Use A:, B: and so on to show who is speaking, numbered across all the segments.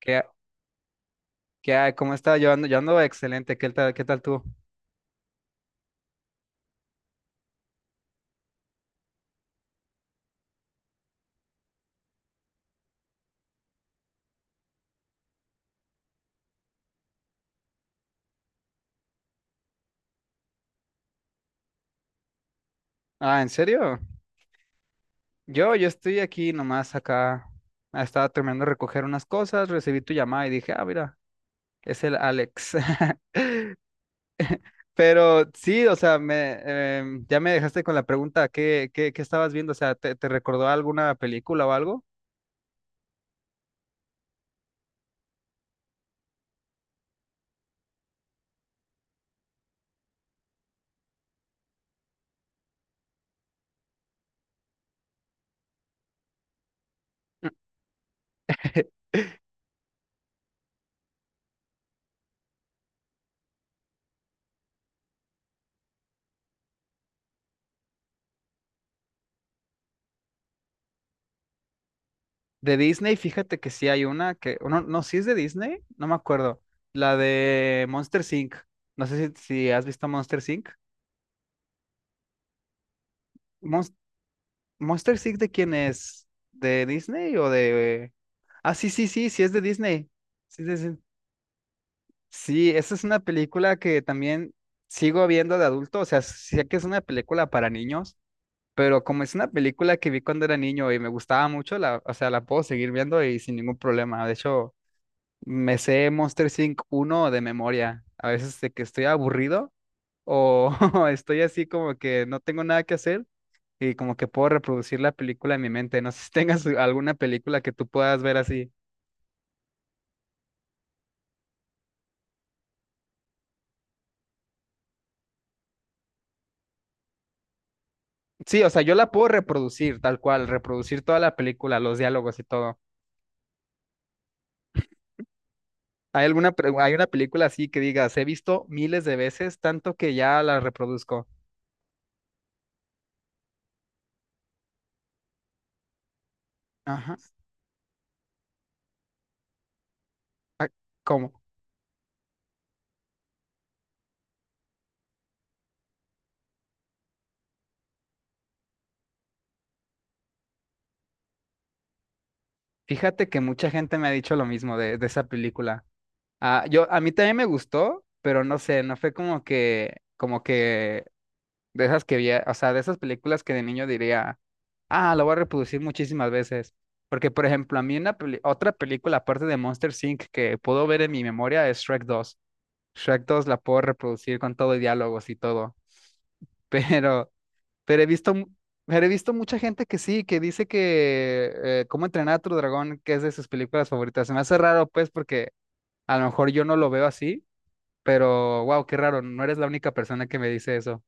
A: ¿Qué, qué hay? ¿Cómo está? Yo ando excelente. ¿Qué tal tú? Ah, ¿en serio? Yo estoy aquí nomás acá. Ah, estaba terminando de recoger unas cosas, recibí tu llamada y dije, ah, mira, es el Alex. Pero sí, o sea, ya me dejaste con la pregunta, ¿qué estabas viendo? O sea, ¿te recordó alguna película o algo? De Disney, fíjate que sí hay una que, o no, no, sí es de Disney, no me acuerdo. La de Monsters Inc. No sé si has visto Monsters Inc. ¿Monster Inc. de quién es? ¿De Disney o de...? Ah, sí, sí, sí, sí es de Disney. Sí, sí, sí. Sí, esa es una película que también sigo viendo de adulto. O sea, sé que es una película para niños, pero como es una película que vi cuando era niño y me gustaba mucho, la, o sea, la puedo seguir viendo y sin ningún problema. De hecho, me sé Monster Inc. uno de memoria. A veces de que estoy aburrido o estoy así como que no tengo nada que hacer y como que puedo reproducir la película en mi mente. No sé si tengas alguna película que tú puedas ver así. Sí, o sea, yo la puedo reproducir tal cual, reproducir toda la película, los diálogos y todo. ¿Hay alguna, hay una película así que digas, he visto miles de veces, tanto que ya la reproduzco? Ajá. ¿Cómo? Fíjate que mucha gente me ha dicho lo mismo de esa película. Ah, a mí también me gustó, pero no sé, no fue como que de esas que vi, o sea, de esas películas que de niño diría. Ah, lo voy a reproducir muchísimas veces. Porque, por ejemplo, a mí otra película aparte de Monster Inc. que puedo ver en mi memoria es Shrek 2. Shrek dos la puedo reproducir con todo y diálogos y todo. Pero, pero he visto, mu- pero he visto mucha gente que sí, que dice que Cómo entrenar a tu dragón, que es de sus películas favoritas. Se me hace raro, pues, porque a lo mejor yo no lo veo así, pero wow, qué raro, no eres la única persona que me dice eso.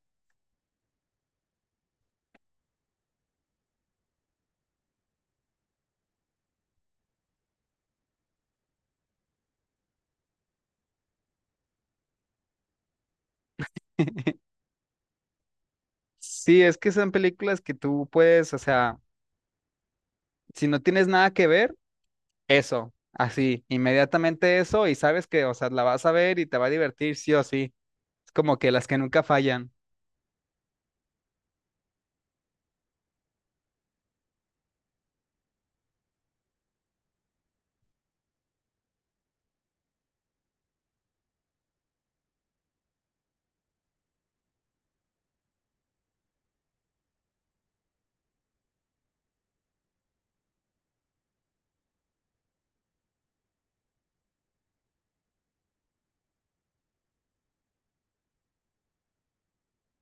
A: Sí, es que son películas que tú puedes, o sea, si no tienes nada que ver. Eso, así, inmediatamente eso y sabes que, o sea, la vas a ver y te va a divertir sí o sí. Es como que las que nunca fallan.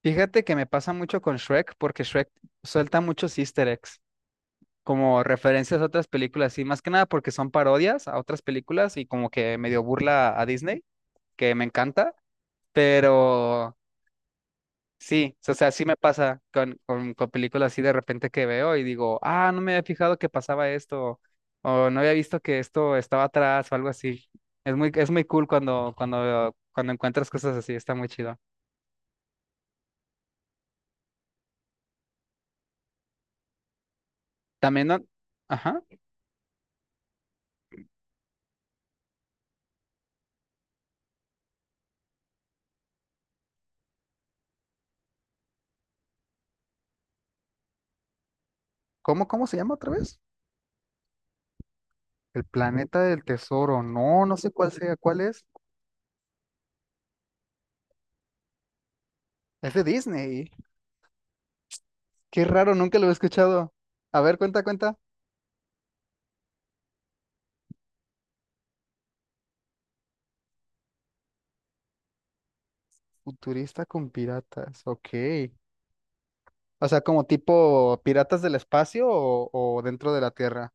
A: Fíjate que me pasa mucho con Shrek porque Shrek suelta muchos easter eggs, como referencias a otras películas y más que nada porque son parodias a otras películas y como que medio burla a Disney, que me encanta, pero. Sí, o sea, sí me pasa con películas así de repente que veo y digo, ah, no me había fijado que pasaba esto, o no había visto que esto estaba atrás o algo así. Es muy cool cuando encuentras cosas así, está muy chido. También, ajá, ¿cómo se llama otra vez? El planeta del tesoro, no, no sé cuál sea, cuál es. Es de Disney, qué raro, nunca lo he escuchado. A ver, cuenta, cuenta. Futurista con piratas, ok. O sea, como tipo piratas del espacio o dentro de la Tierra.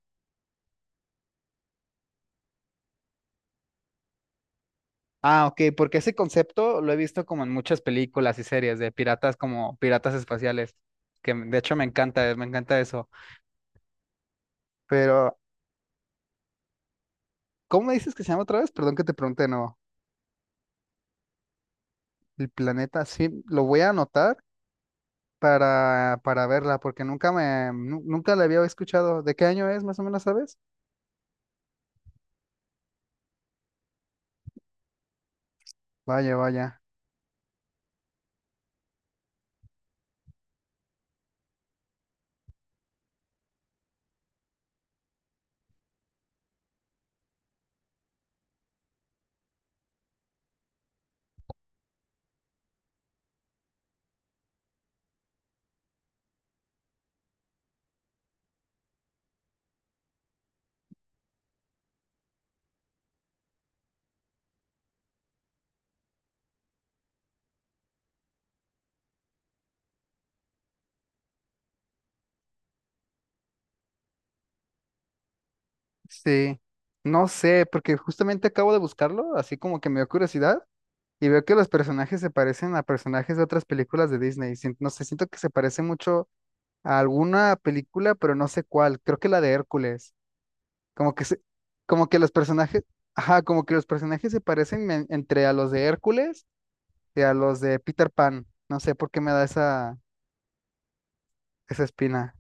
A: Ah, ok, porque ese concepto lo he visto como en muchas películas y series de piratas como piratas espaciales, que de hecho me encanta eso. Pero, ¿cómo me dices que se llama otra vez? Perdón que te pregunte, no. El planeta, sí, lo voy a anotar para verla, porque nunca me, nu- nunca la había escuchado. ¿De qué año es, más o menos, sabes? Vaya, vaya. Sí. No sé, porque justamente acabo de buscarlo, así como que me dio curiosidad. Y veo que los personajes se parecen a personajes de otras películas de Disney. No sé, siento que se parece mucho a alguna película, pero no sé cuál. Creo que la de Hércules. Como que se, como que los personajes, ajá, como que los personajes se parecen entre a los de Hércules y a los de Peter Pan. No sé por qué me da esa espina.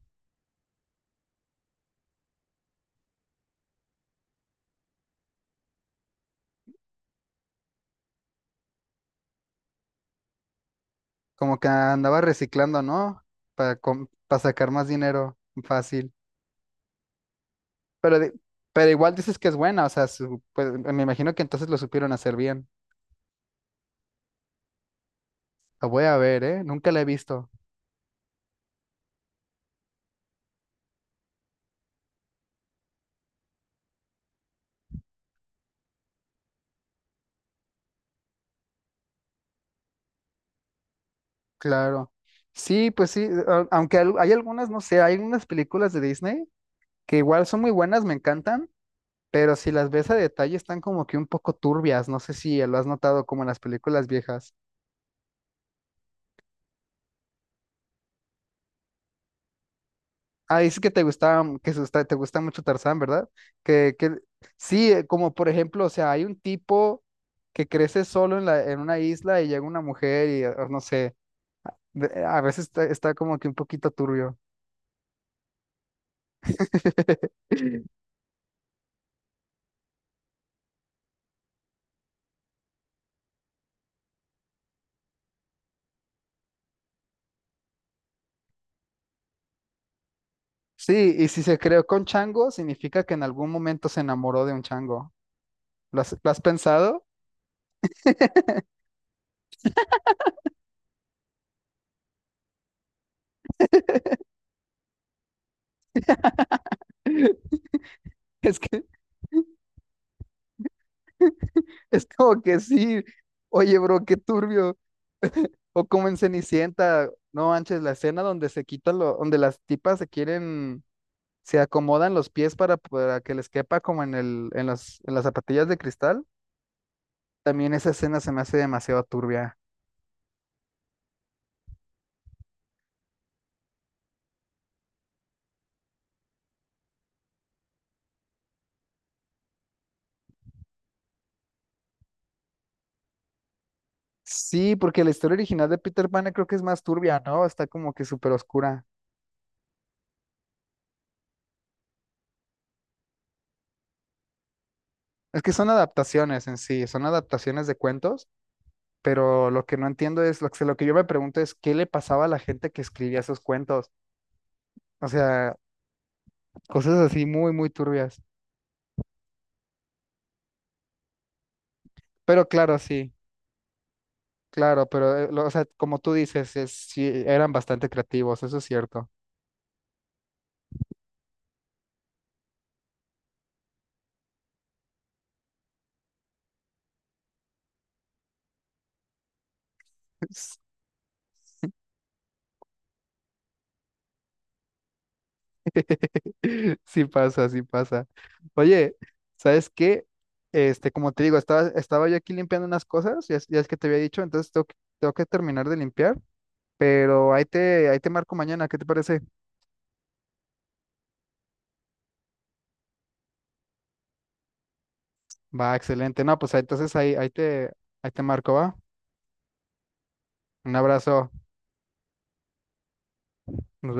A: Como que andaba reciclando, ¿no? Para, para sacar más dinero fácil. Pero, de- pero igual dices que es buena, o sea, pues, me imagino que entonces lo supieron hacer bien. La voy a ver, ¿eh? Nunca la he visto. Claro. Sí, pues sí, aunque hay algunas, no sé, hay unas películas de Disney que igual son muy buenas, me encantan, pero si las ves a detalle están como que un poco turbias, no sé si lo has notado como en las películas viejas. Ah, dices que te gustaba, que te gusta mucho Tarzán, ¿verdad? Que sí, como por ejemplo, o sea, hay un tipo que crece solo en una isla y llega una mujer y no sé, a veces está como que un poquito turbio. Sí, y si se creó con chango, significa que en algún momento se enamoró de un chango. ¿Lo has pensado? Es que es como que sí. Oye, bro, qué turbio. O como en Cenicienta, no manches, la escena donde se quitan lo, donde las tipas se quieren, se acomodan los pies para que les quepa como en las zapatillas de cristal. También esa escena se me hace demasiado turbia. Sí, porque la historia original de Peter Pan creo que es más turbia, ¿no? Está como que súper oscura. Es que son adaptaciones en sí, son adaptaciones de cuentos, pero lo que no entiendo es, lo que yo me pregunto es, ¿qué le pasaba a la gente que escribía esos cuentos? O sea, cosas así muy, muy turbias. Pero claro, sí, claro, pero, o sea, como tú dices, sí, eran bastante creativos, eso es cierto. Sí sí pasa, sí pasa. Oye, ¿sabes qué? Este, como te digo, estaba yo aquí limpiando unas cosas, ya es que te había dicho, entonces tengo que terminar de limpiar. Pero ahí te marco mañana, ¿qué te parece? Va, excelente. No, pues entonces ahí te marco, ¿va? Un abrazo. Nos